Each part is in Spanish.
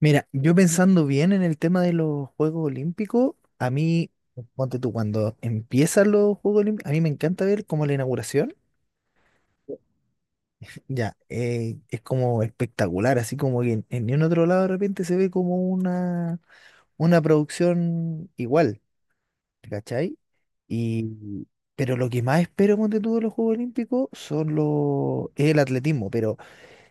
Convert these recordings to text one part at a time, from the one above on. Mira, yo pensando bien en el tema de los Juegos Olímpicos, a mí, ponte tú, cuando empiezan los Juegos Olímpicos, a mí me encanta ver como la inauguración, ya, es como espectacular, así como que en ningún otro lado de repente se ve como una producción igual, ¿cachai? Y, pero lo que más espero, ponte tú, de los Juegos Olímpicos es el atletismo, pero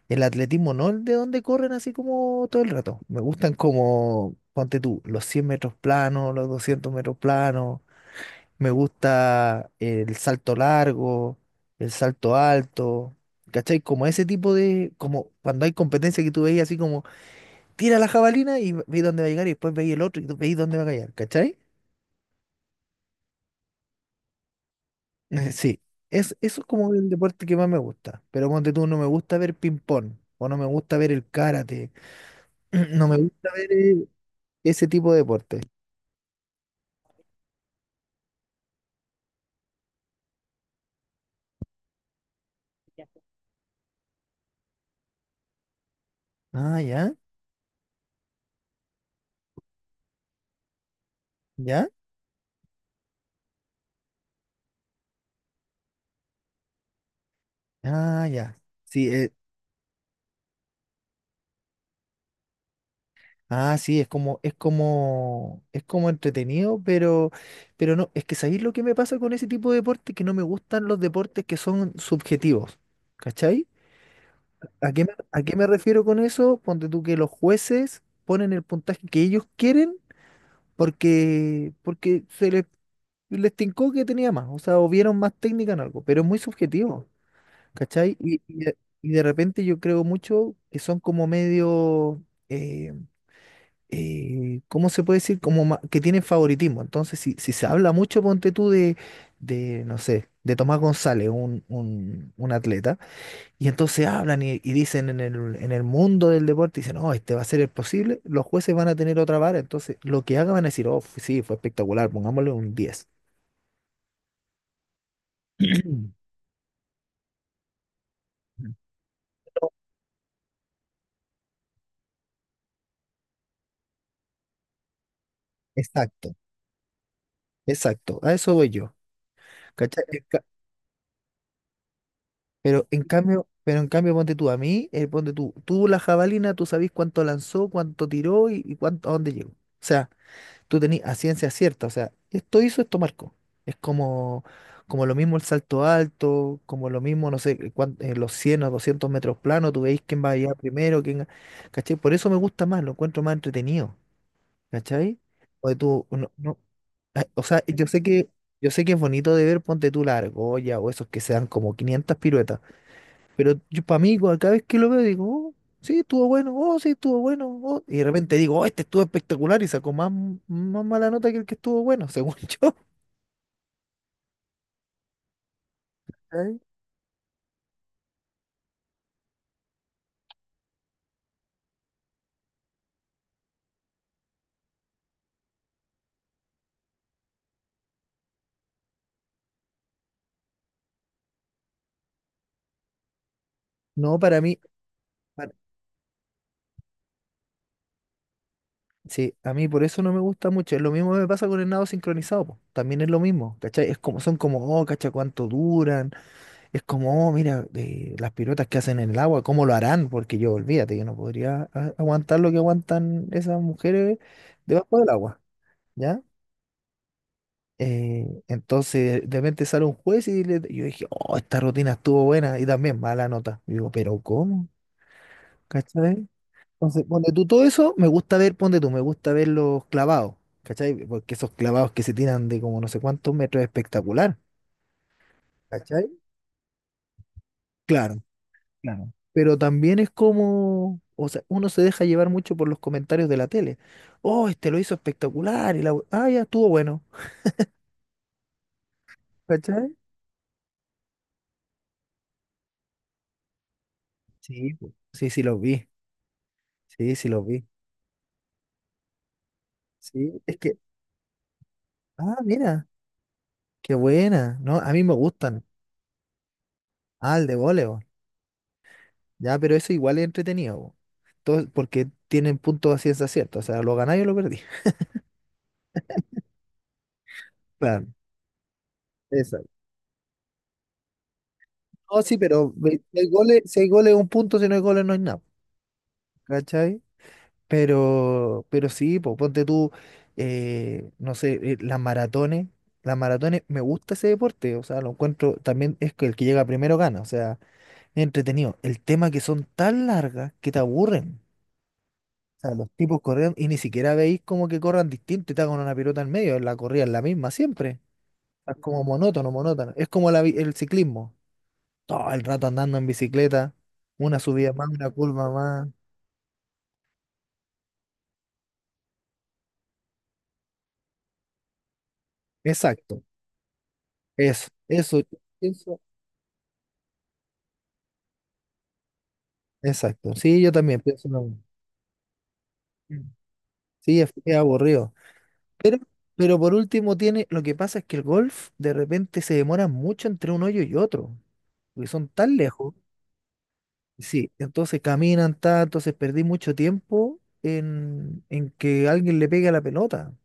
el atletismo no es de donde corren así como todo el rato. Me gustan como, ponte tú, los 100 metros planos, los 200 metros planos. Me gusta el salto largo, el salto alto. ¿Cachai? Como ese tipo de, como cuando hay competencia que tú veis así como, tira la jabalina y veis dónde va a llegar y después veis el otro y tú veis dónde va a caer. ¿Cachai? Sí, eso es como el deporte que más me gusta. Pero ponte tú, no me gusta ver ping-pong o no me gusta ver el karate. No me gusta ver, ese tipo de deporte. Ah, ya, ya, ah, ya. Sí, ah, sí, es como entretenido, pero, no, es que ¿sabéis lo que me pasa con ese tipo de deporte? Que no me gustan los deportes que son subjetivos. ¿Cachai? ¿A qué me refiero con eso? Ponte tú que los jueces ponen el puntaje que ellos quieren porque se les tincó que tenía más, o sea, o vieron más técnica en algo, pero es muy subjetivo. ¿Cachai? Y de repente yo creo mucho que son como medio, eh, ¿cómo se puede decir? Como que tienen favoritismo. Entonces, si se habla mucho, ponte tú de, no sé, de Tomás González, un atleta, y entonces hablan y dicen en el mundo del deporte, dicen, no, este va a ser el posible, los jueces van a tener otra vara, entonces lo que hagan van a decir, oh, sí, fue espectacular, pongámosle un 10. Exacto, exacto, a eso voy yo. ¿Cachai? Pero en cambio, ponte tú a mí, ponte tú, tú la jabalina, tú sabés cuánto lanzó, cuánto tiró y a dónde llegó. O sea, tú tenés a ciencia cierta, o sea, esto hizo, esto marcó. Es como, lo mismo el salto alto, como lo mismo, no sé, los 100 o 200 metros planos, tú veis quién va a llegar primero, quién, ¿cachai? Por eso me gusta más, lo encuentro más entretenido, ¿cachai? O tú, no, no- Ay, o sea, yo sé que es bonito de ver, ponte tú la argolla o esos que se dan como 500 piruetas. Pero yo para mí, cada vez que lo veo, digo, oh, sí, estuvo bueno, oh, sí, estuvo bueno, oh. Y de repente digo, oh, este estuvo espectacular y sacó más mala nota que el que estuvo bueno, según yo. ¿Cachai? No, para mí, para- sí, a mí por eso no me gusta mucho. Es lo mismo que me pasa con el nado sincronizado, po. También es lo mismo, ¿cachai? Es como, son como, oh, cacha, cuánto duran. Es como, oh, mira, las piruetas que hacen en el agua, ¿cómo lo harán? Porque yo, olvídate, que no podría aguantar lo que aguantan esas mujeres debajo del agua, ¿ya? Entonces, de repente sale un juez yo dije, oh, esta rutina estuvo buena y también mala nota. Y digo, pero ¿cómo? ¿Cachai? Entonces, ponte tú todo eso, me gusta ver, ponte tú, me gusta ver los clavados, ¿cachai? Porque esos clavados que se tiran de como no sé cuántos metros es espectacular, ¿cachai? Claro, claro. Pero también es como, o sea, uno se deja llevar mucho por los comentarios de la tele. Oh, este lo hizo espectacular y ah, ya estuvo bueno, ¿cachai? Sí, po. Sí, sí los vi, sí, sí los vi. Sí, es que. Ah, mira, qué buena. No, a mí me gustan. Ah, el de voleo. Ya, pero eso igual es entretenido, po. Porque tienen puntos a ciencia cierta. O sea, lo ganáis o lo perdí. Claro, exacto. No, sí, pero si hay goles, si hay goles, un punto, si no hay goles, no hay nada. ¿Cachai? Pero sí, po, ponte tú, no sé, las maratones. Las maratones, me gusta ese deporte. O sea, lo encuentro, también es que el que llega primero gana. O sea, es entretenido. El tema que son tan largas que te aburren. Sea, los tipos corrieron y ni siquiera veis como que corran distinto y está con una pelota en medio, la corrida es la misma siempre. Es como monótono, monótono. Es como el ciclismo. Todo el rato andando en bicicleta, una subida más, una curva más. Exacto, eso, eso, eso, exacto. Sí, yo también pienso lo mismo. Mm. Sí, es aburrido. Pero, pero por último tiene, lo que pasa es que el golf de repente se demora mucho entre un hoyo y otro, porque son tan lejos. Sí, entonces caminan, ta, entonces perdí mucho tiempo en, que alguien le pegue a la pelota,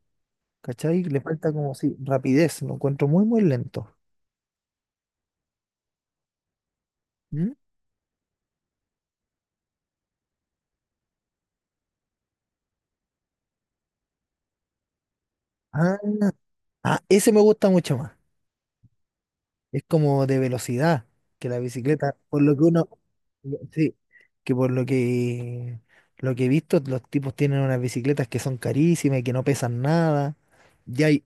¿cachai? Le falta como si rapidez, lo encuentro muy, muy lento. ¿Mm? Ah, ah, ese me gusta mucho más. Es como de velocidad, que la bicicleta, por lo que uno, sí, que por lo que he visto, los tipos tienen unas bicicletas que son carísimas y que no pesan nada. Ya hay,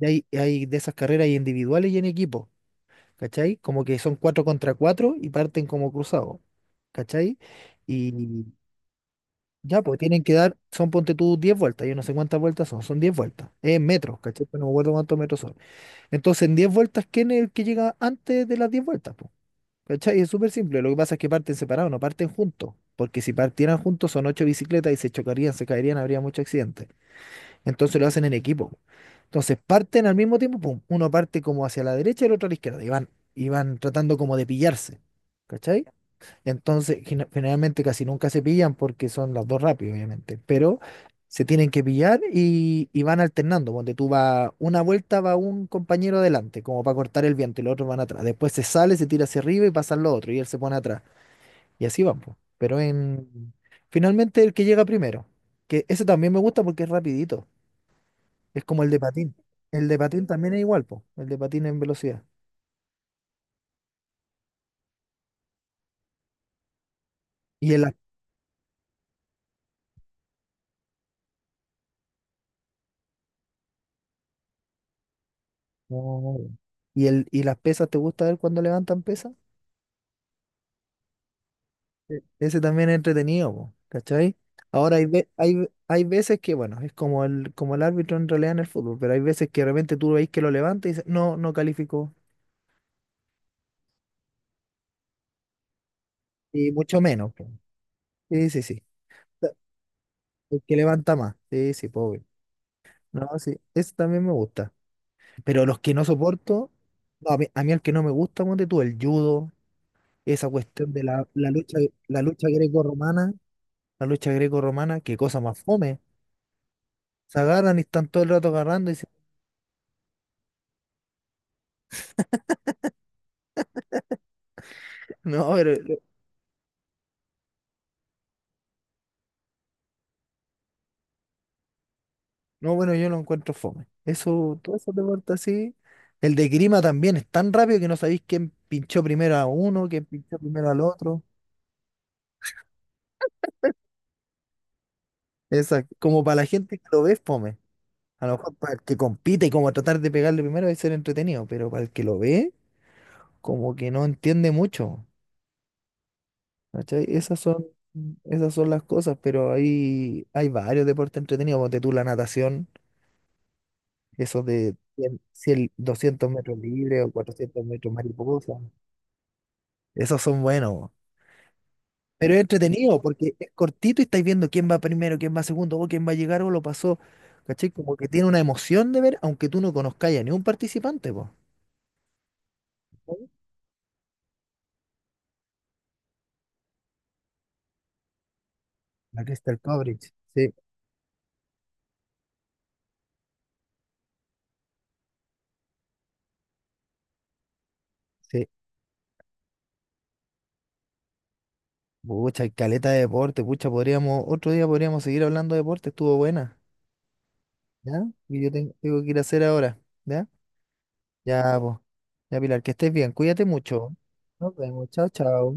ya hay de esas carreras hay individuales y en equipo. ¿Cachai? Como que son cuatro contra cuatro y parten como cruzados, ¿cachai? Y ya, pues tienen que dar, son ponte tú 10 vueltas, yo no sé cuántas vueltas son, son 10 vueltas, es en metros, ¿cachai? Pero no me acuerdo cuántos metros son. Entonces, en 10 vueltas, ¿quién es el que llega antes de las 10 vueltas, po? ¿Cachai? Es súper simple, lo que pasa es que parten separados, no parten juntos, porque si partieran juntos son ocho bicicletas y se chocarían, se caerían, habría mucho accidente. Entonces lo hacen en equipo. Entonces parten al mismo tiempo, pum, uno parte como hacia la derecha y el otro a la izquierda, y van, tratando como de pillarse, ¿cachai? Entonces, generalmente casi nunca se pillan porque son las dos rápidas, obviamente, pero se tienen que pillar y van alternando, donde tú vas, una vuelta va un compañero adelante, como para cortar el viento, y los otros van atrás. Después se sale, se tira hacia arriba y pasan los otros, y él se pone atrás. Y así van, pues. Finalmente el que llega primero, que eso también me gusta porque es rapidito. Es como el de patín. El de patín también es igual, po. El de patín en velocidad. Y el, Oh. Y las pesas, ¿te gusta ver cuando levantan pesas? Sí. Ese también es entretenido, po, ¿cachai? Ahora hay veces que, bueno, es como el árbitro en realidad en el fútbol, pero hay veces que de repente tú veis que lo levanta y dices, no, no calificó. Y mucho menos, po. Sí, sí, sí. El que levanta más. Sí, sí, pobre. No, sí. Eso también me gusta. Pero los que no soporto, no, a mí el que no me gusta, ponte tú, el judo. Esa cuestión de la lucha, la lucha greco-romana, la lucha greco-romana, qué cosa más fome. Se agarran y están todo el rato agarrando y dicen, no, pero, no, bueno, yo lo encuentro fome. Eso, todo eso te corta así. El de Grima también es tan rápido que no sabéis quién pinchó primero a uno, quién pinchó primero al otro. Esa, como para la gente que lo ve, es fome. A lo mejor para el que compite y como tratar de pegarle primero es ser entretenido, pero para el que lo ve, como que no entiende mucho. ¿Cachai? Esas son las cosas, pero hay varios deportes entretenidos, ponte tú la natación, esos de 100, 100, 200 metros libres o 400 metros mariposa, esos son buenos, bo. Pero es entretenido porque es cortito y estáis viendo quién va primero, quién va segundo, o quién va a llegar o lo pasó. ¿Cachai? Como que tiene una emoción de ver, aunque tú no conozcáis a ningún participante, pues. La Crystal Coverage. Sí, sí. Pucha, hay caleta de deporte, pucha, podríamos, otro día podríamos seguir hablando de deporte, estuvo buena. ¿Ya? Y yo tengo que ir a hacer ahora, ¿ya? Ya, pues, ya, Pilar, que estés bien, cuídate mucho. Nos vemos, chao, chao.